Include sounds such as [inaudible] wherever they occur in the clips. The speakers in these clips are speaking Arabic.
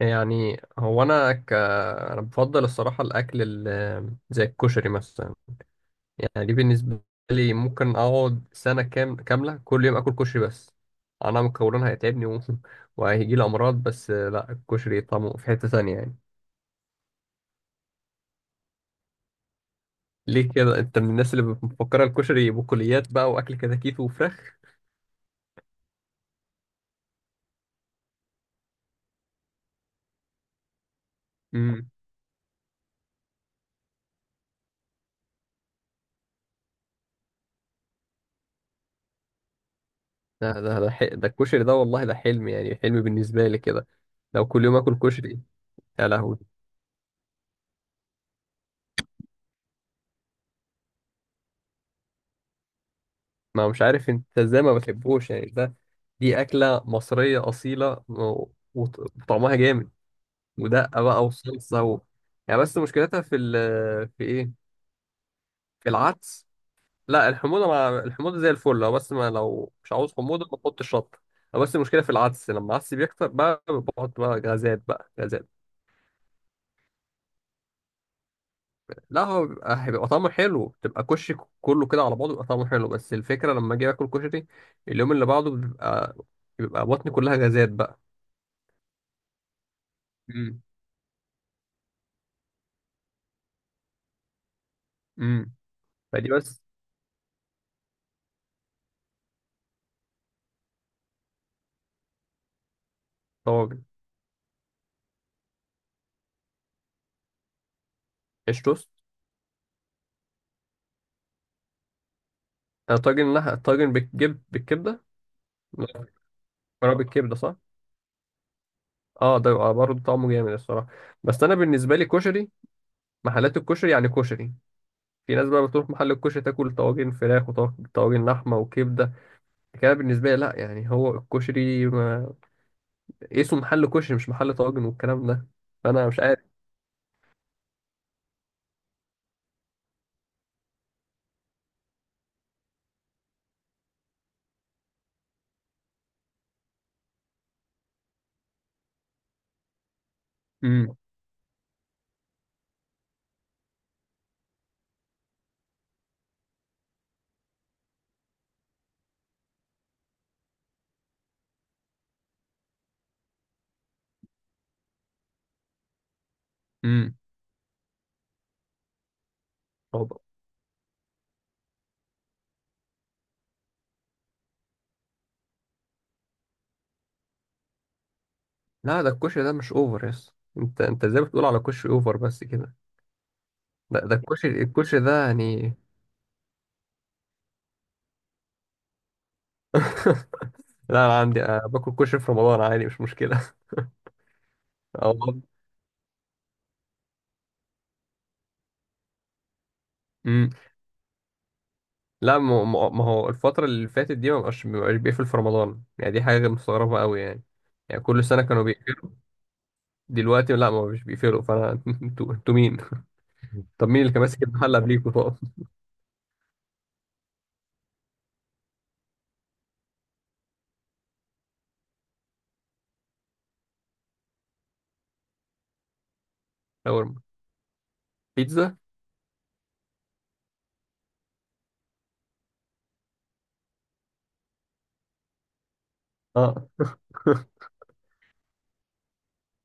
يعني هو انا بفضل الصراحه الاكل، زي الكشري مثلا. يعني دي بالنسبه لي، ممكن اقعد سنه كام كامله كل يوم اكل كشري. بس انا مكونها هيتعبني [laughs] وهيجي لي امراض، بس لا الكشري طعمه في حته ثانيه يعني. ليه كده؟ انت من الناس اللي مفكره الكشري بقوليات بقى، واكل كتاكيت وفراخ؟ امم. ده الكشري ده والله ده حلم، يعني حلم بالنسبه لي كده. لو كل يوم اكل كشري. يا لهوي. ما مش عارف انت ازاي ما بتحبوش يعني، ده دي أكلة مصرية أصيلة وطعمها جامد، ودقة بقى وصلصة يعني. بس مشكلتها في إيه؟ في العدس. لا الحموضة، مع الحموضة زي الفل، لو بس ما لو مش عاوز حموضة ما تحطش شطة. هو بس المشكلة في العدس، لما العدس بيكتر بقى بحط بقى غازات بقى غازات. لا هو بيبقى، هيبقى طعمه حلو، تبقى كشك كله كده على بعضه بيبقى طعمه حلو. بس الفكرة لما أجي آكل كشري، اليوم اللي بعده بيبقى، بطني كلها غازات بقى. امم. امم. فدي بس. طواجن. قشطة. آه، طاجن لحمة، طاجن بالكبدة. مكرونة بالكبدة صح؟ اه ده بيبقى برضه طعمه جامد الصراحة. بس أنا بالنسبة لي كشري، محلات الكشري يعني كشري. في ناس بقى بتروح محل الكشري تاكل طواجن فراخ وطواجن لحمة وكبدة. كده بالنسبة لي لأ، يعني هو الكشري ما... اسمه محل كشري، مش محل طواجن والكلام ده. فأنا مش عارف. امم. امم. هو- لا ده الكشري ده مش أوفر يس. أنت إزاي بتقول على كشري أوفر بس كده؟ لا ده الكشري ده يعني. [laughs] لا انا عندي أنا باكل كشري في رمضان عادي، مش مشكله. [laughs] اه والله. امم. لا ما هو الفتره اللي فاتت دي ما بقاش بيقفل في رمضان، يعني دي حاجه مستغربه قوي يعني. يعني كل سنه كانوا بيقفلوا، دلوقتي لا، ما مش بيقفلوا، فانا [laughs] انتوا مين؟ [laughs] طب مين اللي كان ماسك المحل قبليكوا طب؟ شاورما. بيتزا. اه. [laughs]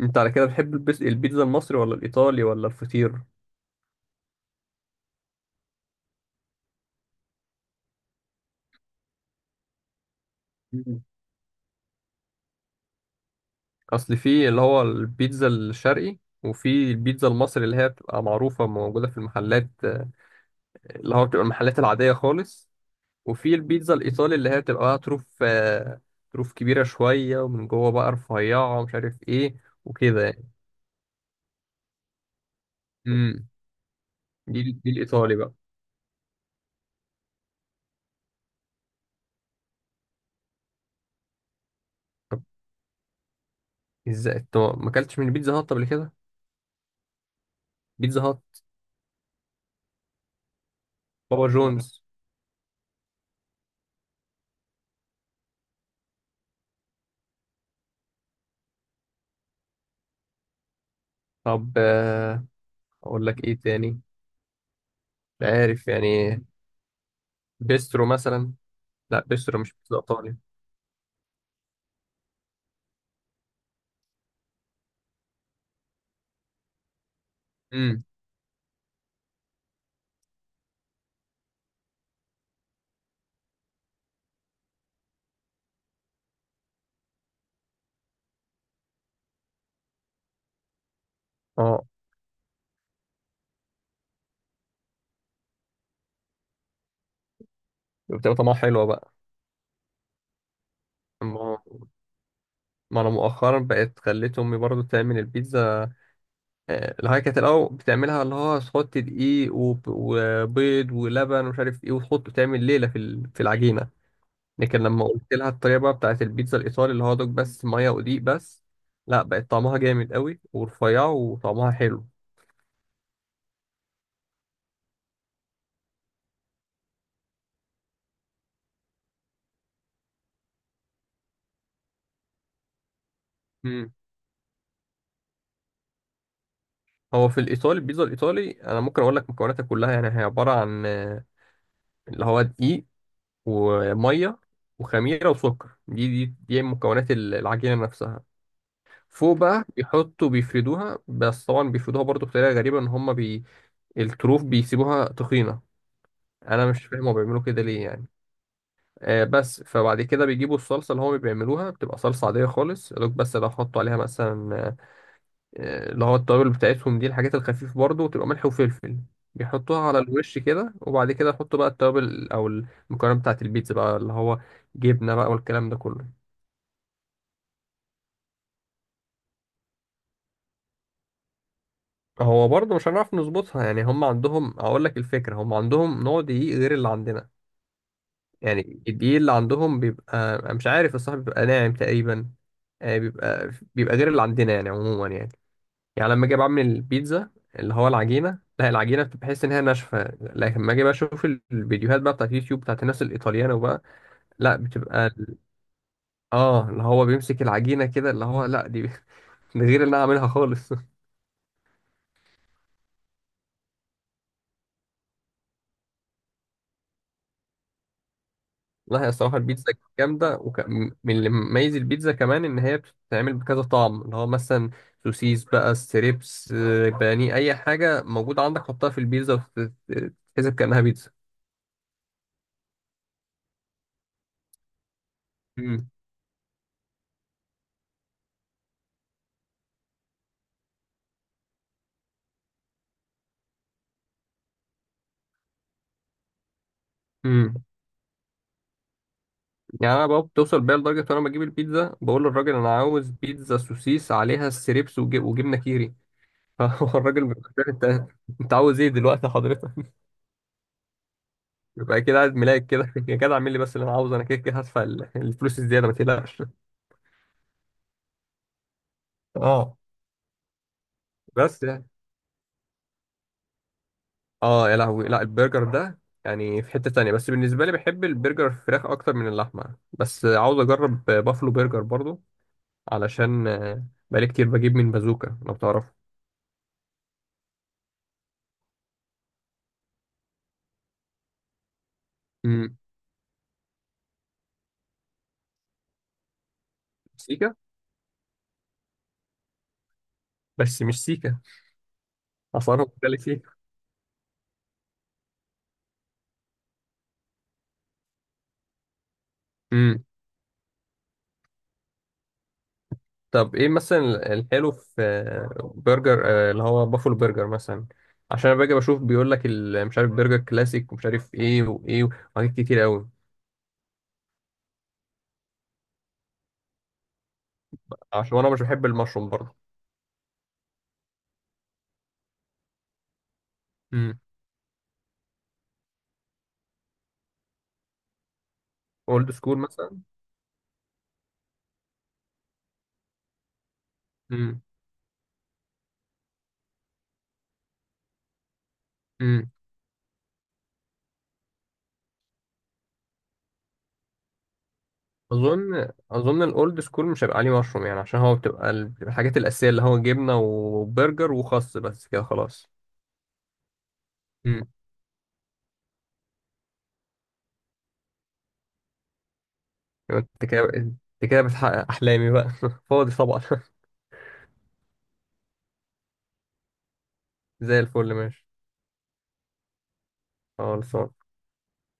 انت على كده بتحب البيتزا المصري ولا الايطالي ولا الفطير؟ مم. اصل في اللي هو البيتزا الشرقي، وفي البيتزا المصري اللي هي بتبقى معروفه موجوده في المحلات، اللي هو بتبقى المحلات العادية خالص. وفي البيتزا الإيطالي اللي هي بتبقى بقى طروف، طروف كبيرة شوية ومن جوه بقى رفيعة ومش عارف إيه. وكده يعني. امم. دي الإيطالي بقى. طب إزاي أنت ما أكلتش من بيتزا هات قبل كده؟ بيتزا هات. بابا جونز. طب أقول لك إيه تاني؟ مش عارف يعني. بيسترو مثلا. لا بيسترو مش بيتزا إيطالي. امم. أه بتبقى طعمها حلوة بقى. ما ما أنا مؤخرا بقت خليت أمي برضو تعمل البيتزا. الهاي كانت الاول بتعملها، اللي هو تحط دقيق وبيض ولبن ومش عارف ايه، وتحط تعمل ليله في في العجينه. لكن لما قلت لها الطريقه بقى بتاعت البيتزا الايطالي، اللي هو دوك بس ميه ودقيق بس، لا بقت طعمها جامد قوي ورفيعه وطعمها حلو. امم. هو في الايطالي، البيتزا الايطالي انا ممكن اقول لك مكوناتها كلها، يعني هي عباره عن اللي هو دقيق، وميه، وخميره وسكر. دي مكونات العجينه نفسها. فوق بقى بيحطوا بيفردوها، بس طبعا بيفردوها برضو بطريقة غريبة، ان هما الطروف بيسيبوها تخينة. انا مش فاهم هو بيعملوا كده ليه يعني. آه بس فبعد كده بيجيبوا الصلصة اللي هما بيعملوها، بتبقى صلصة عادية خالص يا دوب، بس لو حطوا عليها مثلا اللي هو التوابل بتاعتهم، دي الحاجات الخفيفة برضو، وتبقى ملح وفلفل. بيحطوها على الوش كده، وبعد كده يحطوا بقى التوابل او المكونات بتاعت البيتزا بقى، اللي هو جبنة بقى والكلام ده كله. هو برضه مش هنعرف نظبطها، يعني هم عندهم، اقول لك الفكره، هم عندهم نوع دقيق غير اللي عندنا. يعني الدقيق اللي عندهم بيبقى مش عارف الصراحه، بيبقى ناعم تقريبا. بيبقى غير اللي عندنا يعني، عموما يعني. يعني لما اجي بعمل البيتزا، اللي هو العجينه، لا العجينه بتبقى بحس ان هي ناشفه. لكن لما اجي بقى اشوف الفيديوهات بقى بتاعت اليوتيوب بتاعت الناس الايطاليانو بقى، لا بتبقى، اه اللي هو بيمسك العجينه كده اللي هو، لا دي [laughs] دي غير اللي انا عاملها خالص. لا هي الصراحة البيتزا جامدة، من اللي مميز البيتزا كمان إن هي بتتعمل بكذا طعم، اللي هو مثلا سوسيس بقى، ستريبس، بانيه، أي حاجة موجودة عندك حطها في البيتزا وتتحسب كأنها بيتزا. مم. مم. يعني أنا بقى بتوصل بيا لدرجة وأنا بجيب البيتزا بقول للراجل أنا عاوز بيتزا سوسيس عليها ستريبس وجبنة كيري. [laughs] فهو الراجل بيقول، أنت أنت عاوز إيه دلوقتي حضرتك؟ يبقى كده قاعد ملاك كده. [laughs] يا جدع اعمل لي بس اللي أنا عاوزه، أنا كده كده هدفع الفلوس الزيادة، ما تقلقش. اه بس يعني. اه يا لهوي، لا البرجر ده يعني في حتة تانية، بس بالنسبة لي بحب البرجر الفراخ أكتر من اللحمة، بس عاوز أجرب بافلو برجر برضو. علشان بقالي كتير بجيب من بازوكا لو تعرف. امم. سيكا. بس مش سيكا. أسعارها مختلفة سيكا. امم. طب إيه مثلا الحلو في برجر اللي هو بافلو برجر مثلا؟ عشان أنا باجي بشوف بيقول لك مش عارف برجر كلاسيك ومش عارف إيه وإيه، وحاجات كتير أوي. عشان أنا مش بحب المشروم برضو. امم. أولد سكول مثلا. امم. اظن الاولد سكول مش هيبقى عليه مشروم، يعني عشان هو بتبقى بتبقى الحاجات الاساسيه، اللي هو جبنه وبرجر وخس بس كده خلاص. امم. يبقى انت كده بتحقق احلامي بقى. [laughs] فاضي طبعا. [laughs] زي الفل ماشي. خلاص.